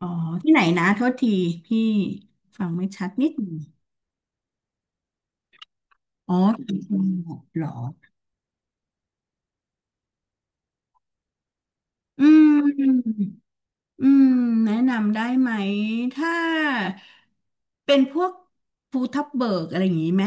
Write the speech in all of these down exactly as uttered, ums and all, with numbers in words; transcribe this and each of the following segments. อ๋อที่ไหนนะโทษทีพี่ฟังไม่ชัดนิดหนึ่งอ๋อที่จังหวัดเหรออืมอืมแนะนำได้ไหมถ้าเป็นพวกภูทับเบิกอะไรอย่างนี้ไหม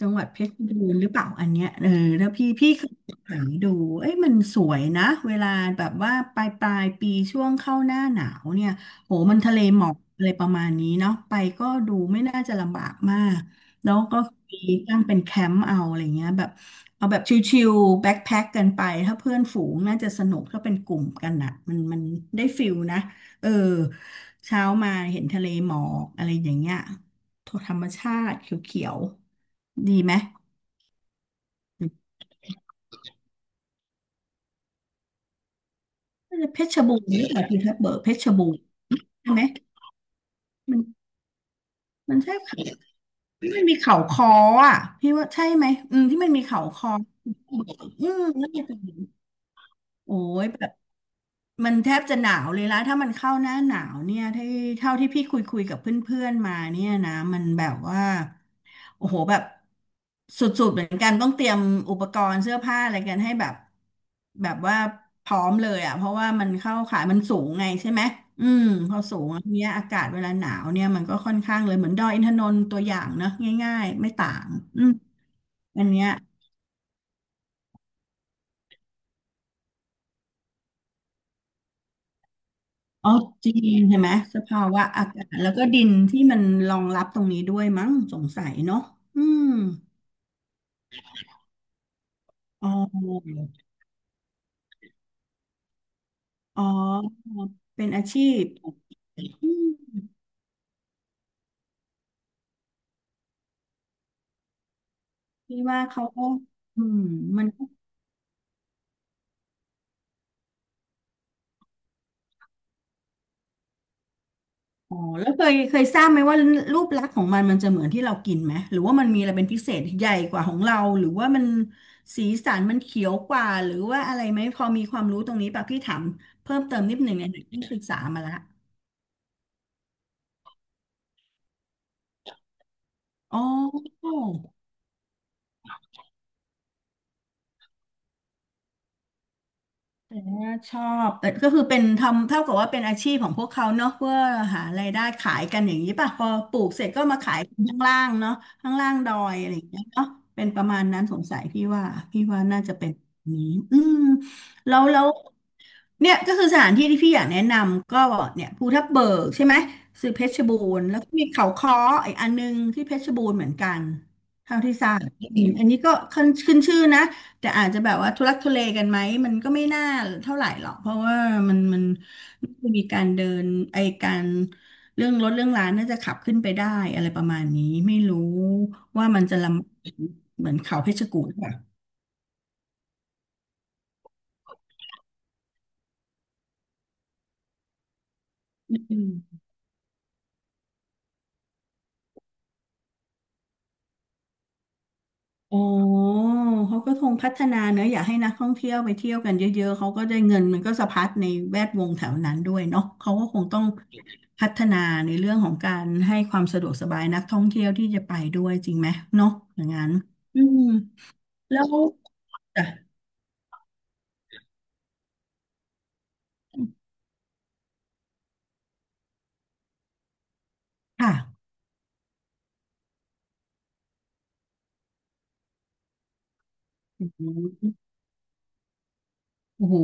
จังหวัดเพชรบูรณ์หรือเปล่าอันเนี้ยเออแล้วพี่พี่เคยไปดูเอ้ยมันสวยนะเวลาแบบว่าปลายปลายปีช่วงเข้าหน้าหนาวเนี่ยโหมันทะเลหมอกอะไรประมาณนี้เนาะไปก็ดูไม่น่าจะลำบากมาก แล้วก็มีตั้งเป็นแคมป์เอาอะไรเงี้ยแบบเอาแบบชิวๆแบ็คแพ็คกันไปถ้าเพื่อนฝูงน่าจะสนุกถ้าเป็นกลุ่มกันอ่ะมันมันได้ฟิลนะเออเช้ามาเห็นทะเลหมอกอะไรอย่างเงี้ยธรรมชาติเขียวๆดีไหมหรือเพชรบูรณ์หรือเปล่าพี่ทับเบิกเพชรบูรณ์ใช่ไหมมันมันใช่เขาที่มันมีเขาคออ่ะพี่ว่าใช่ไหมอืมที่มันมีเขาคออืมแล้วมันเป็น โอ้ยแบบมันแทบจะหนาวเลยละถ้ามันเข้าหน้าหนาวเนี่ยที่เท่าที่พี่คุยคุยกับเพื่อนๆมาเนี่ยนะมันแบบว่าโอ้โหแบบสุดๆเหมือนกันต้องเตรียมอุปกรณ์เสื้อผ้าอะไรกันให้แบบแบบว่าพร้อมเลยอ่ะเพราะว่ามันเข้าขายมันสูงไงใช่ไหมอืมพอสูงอันเนี้ยอากาศเวลาหนาวเนี่ยมันก็ค่อนข้างเลยเหมือนดอยอินทนนท์ตัวอย่างเนอะง่ายๆไม่ต่างอืมอันเนี้ย อ๋อจริงใช่ไหมสภาวะอากาศแล้วก็ดินที่มันรองรับตรงนี้ด้วยมั้งสงสัยเนาะอืมอ๋ออ๋อเป็นอาชีพอืมพี่ว่าเขาก็อืมมันก็อ๋อแล้วเคยเคยทราบไหมว่ารูปลักษณ์ของมันมันจะเหมือนที่เรากินไหมหรือว่ามันมีอะไรเป็นพิเศษใหญ่กว่าของเราหรือว่ามันสีสันมันเขียวกว่าหรือว่าอะไรไหมพอมีความรู้ตรงนี้ป่ะพี่ถามเพิ่มเติมนิดหนึ่งในหนังที่ยศึกษามาละอ๋อ แต่ว่าชอบเออก็คือเป็นทำเท่ากับว่าเป็นอาชีพของพวกเขาเนอะเพื่อหารายได้ขายกันอย่างนี้ป่ะพอปลูกเสร็จก็มาขายข้างล่างเนาะข้างล่างดอยอะไรอย่างเงี้ยเนาะเป็นประมาณนั้นสงสัยพี่ว่าพี่ว่าน่าจะเป็นแบบนี้อืมแล้วแล้วเนี่ยก็คือสถานที่ที่พี่อยากแนะนำก็เนี่ยภูทับเบิกใช่ไหมคือเพชรบูรณ์แล้วก็มีเขาค้ออีกอันนึงที่เพชรบูรณ์เหมือนกันเท่าที่ทราบอืมอันนี้ก็ขึ้นขึ้นชื่อนะ แต่อาจจะแบบว่าทุลักทุเลกันไหมมันก็ไม่น่าเท่าไหร่หรอกเพราะว่ามันมันน่าจะมีการเดินไอการเรื่องรถเรื่องร้านน่าจะขับขึ้นไปได้อะไรประมาณนี้ไม่รู้ว่ามันจะลำเหมือนเขาเพชรกูฏป่ะอืม อ๋อเขาก็คงพัฒนาเนอะอยากให้นักท่องเที่ยวไปเที่ยวกันเยอะๆเขาก็ได้เงินมันก็สะพัดในแวดวงแถวนั้นด้วยเนาะเขาก็คงต้องพัฒนาในเรื่องของการให้ความสะดวกสบายนักท่องเที่ยวที่จะไปด้วยจริงไหมเนาะอย่างนั้นอืมแล้วอ่ะค่ะโอ้โห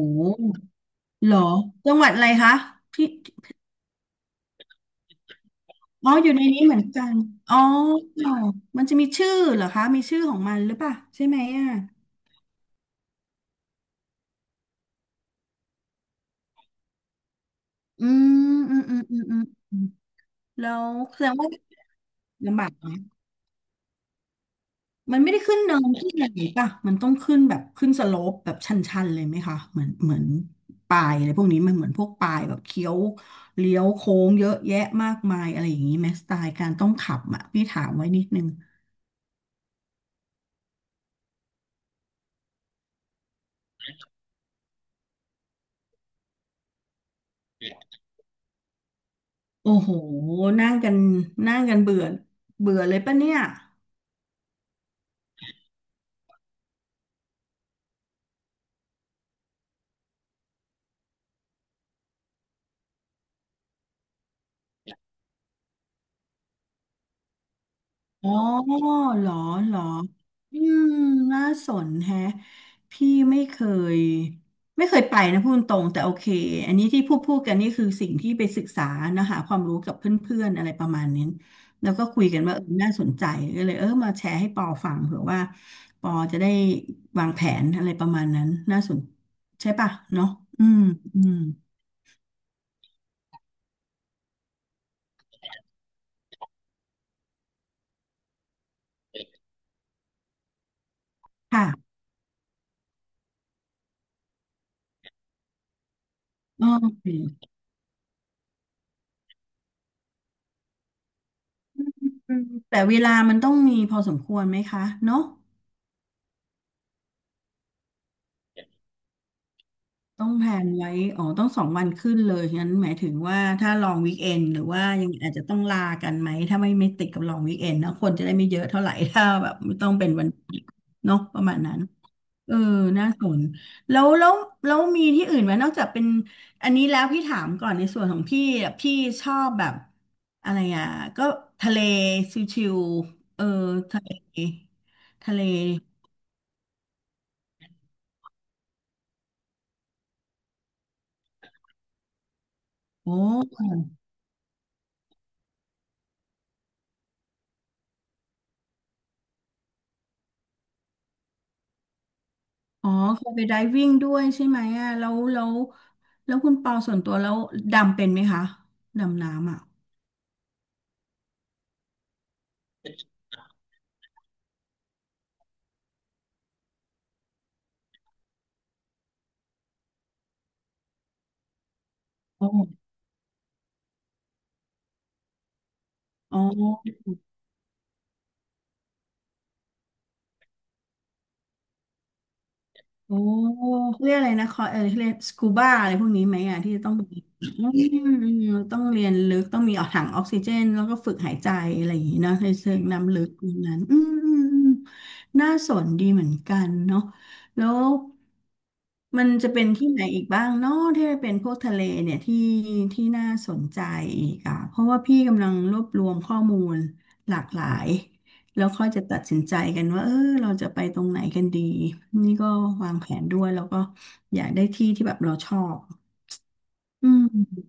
เหรอจังหวัดอะไรคะที่อ๋ออยู่ในนี้เหมือนกันอ๋อมันจะมีชื่อเหรอคะมีชื่อของมันหรือเปล่าใช่ไหมอ่ะ อืมอืมอืมอืมอืมอืมแล้วแสดงว่าลำบากไหมมันไม่ได้ขึ้นเนินขึ้นอะไรน่ป่ะมันต้องขึ้นแบบขึ้นสโลปแบบชันๆเลยไหมคะเหมือนเหมือนปลายอะไรพวกนี้มันเหมือนพวกปลายแบบเคี้ยวเลี้ยวโค้งเยอะแยะมากมายอะไรอย่างนี้ไหมสไตล์การต้องขับอ่ะพี่ถามไว้นิดนึงโอ้โหนั่งกันนั่งกันเบื่อเบื่อเลยป่ะเนี่ย อ๋อเหรอเหรออืมน่าสนแฮะพี่ไม่เคยไม่เคยไปนะพูดตรงๆแต่โอเค อันนี้ที่พูดพูดกันนี่คือสิ่งที่ไปศึกษานะหาความรู้กับเพื่อนๆอะไรประมาณนี้แล้วก็คุยกันว่าเออน่าสนใจก็เลยเออมาแชร์ให้ปอฟังเผื่อว่าปอจะได้วางแผนอะไรประมาณนั้นน่าสนใช่ป่ะเนาะอืมอืมค่ะโอเคอืมแต่เวลามันต้องมีพอสมควรไหมคะเนาะ ต้องแพลนไว้อ๋อต้องสองวันขึ้นเลยงั้นหมายถึงว่าถ้าลองวีคเอนหรือว่ายังอาจจะต้องลากันไหม ถ้าไม่ไม่ติดกับลองวีคเอนนะคนจะได้ไม่เยอะเท่าไหร่ ถ้าแบบไม่ต้องเป็นวันเนาะประมาณนั้นเออน่าสนแล้วแล้วแล้วมีที่อื่นไหมนอกจากเป็นอันนี้แล้วพี่ถามก่อนในส่วนของพี่อะพี่ชอบแบบอะไรอ่ะก็ทะเลชิวๆเออทะเลทะเลโอ้ อ๋อเคยไปไดวิ่งด้วยใช่ไหมอ่ะแล้วแล้วแล้วคุณปอส่วนตัวแล้วดำเป็นไหมคะดำน้ำอ่ะอ๋ออ๋อ โอ้เขาเรียกอะไรนะคอเออเขาเรียกสกูบาอะไรพวกนี้ไหมอ่ะที่จะต้องมีอืมต้องเรียนลึกต้องมีออกถังออกซิเจนแล้วก็ฝึกหายใจอะไรอย่างนี้เนาะในเชิงน้ำลึกตรงนั้นอืมอืมอืมน่าสนดีเหมือนกันเนาะแล้วมันจะเป็นที่ไหนอีกบ้างเนาะที่เป็นพวกทะเลเนี่ยที่ที่น่าสนใจอีกอ่ะเพราะว่าพี่กำลังรวบรวมข้อมูลหลากหลาย แล้วค่อยจะตัดสินใจกันว่าเออเราจะไปตรงไหนกันดีนี่ก็วางแผนด้วยแล้วก็อยากได้ที่ที่แบบเราชอบอืม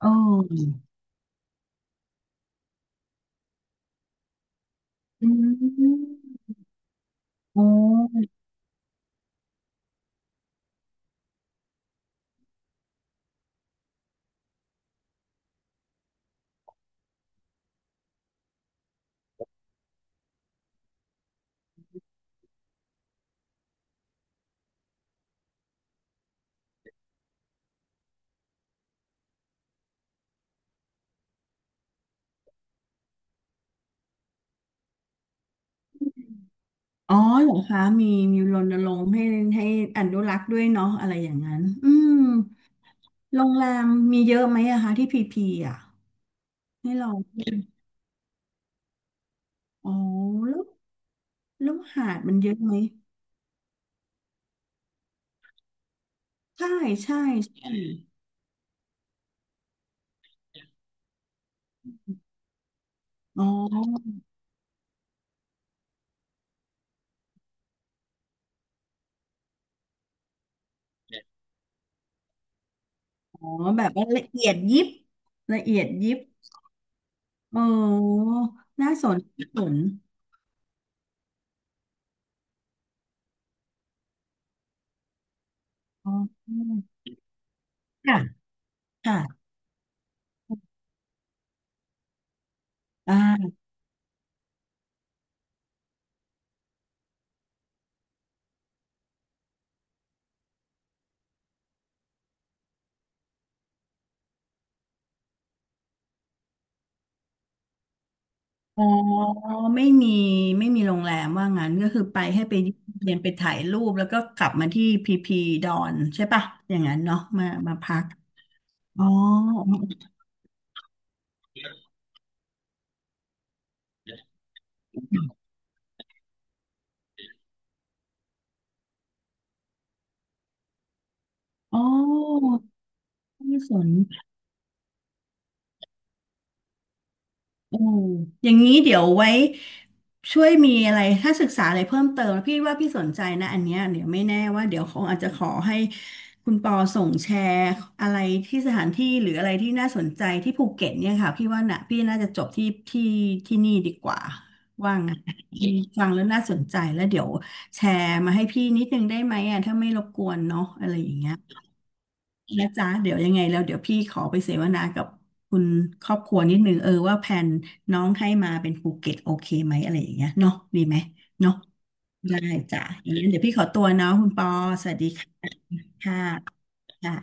โอ้อืมโอ้อ๋อเหรอคะมีมีรณรงค์ให้ให้อนุรักษ์ด้วยเนาะอะไรอย่างนั้นอืมโรงแรมมีเยอะไหมอะคะที่พีพีอะให้เราอ๋อแล้วแล้วหาดมันเยอะไหมใช่ใช่ใช่อ๋ออ๋อแบบว่าละเอียดยิบละเอียดยิบ โอ้น่าสนน่าสนอ๋อค่ะค่ะอ่าอ๋อไม่มี ไม่มีโรงแรมว่างั้นก็คือไปให้ไปเรียนไปถ่ายรูปแล้วก็กลับมาที่พีพีดอนใช่ปะอย่างนั้นเนาะมามาพักอ๋ออ๋อน่าสน อืมอย่างนี้เดี๋ยวไว้ช่วยมีอะไรถ้าศึกษาอะไรเพิ่มเติมนะพี่ว่าพี่สนใจนะอันเนี้ยเดี๋ยวไม่แน่ว่าเดี๋ยวคงอาจจะขอให้คุณปอส่งแชร์อะไรที่สถานที่หรืออะไรที่น่าสนใจที่ภูเก็ตเนี่ยค่ะพี่ว่าน่ะพี่น่าจะจบที่ที่ที่นี่ดีกว่าว่างน อืมฟังแล้วน่าสนใจแล้วเดี๋ยวแชร์มาให้พี่นิดนึงได้ไหมอ่ะถ้าไม่รบกวนเนาะอะไรอย่างเงี้ย นะจ๊ะเดี๋ยวยังไงแล้วเดี๋ยวพี่ขอไปเสวนากับคุณครอบครัวนิดนึงเออว่าแผนน้องให้มาเป็นภูเก็ตโอเคไหมอะไรอย่างเงี้ยเนาะดีไหมเนาะได้จ้ะอย่างนั้นเดี๋ยวพี่ขอตัวเนาะคุณปอสวัสดีค่ะค่ะ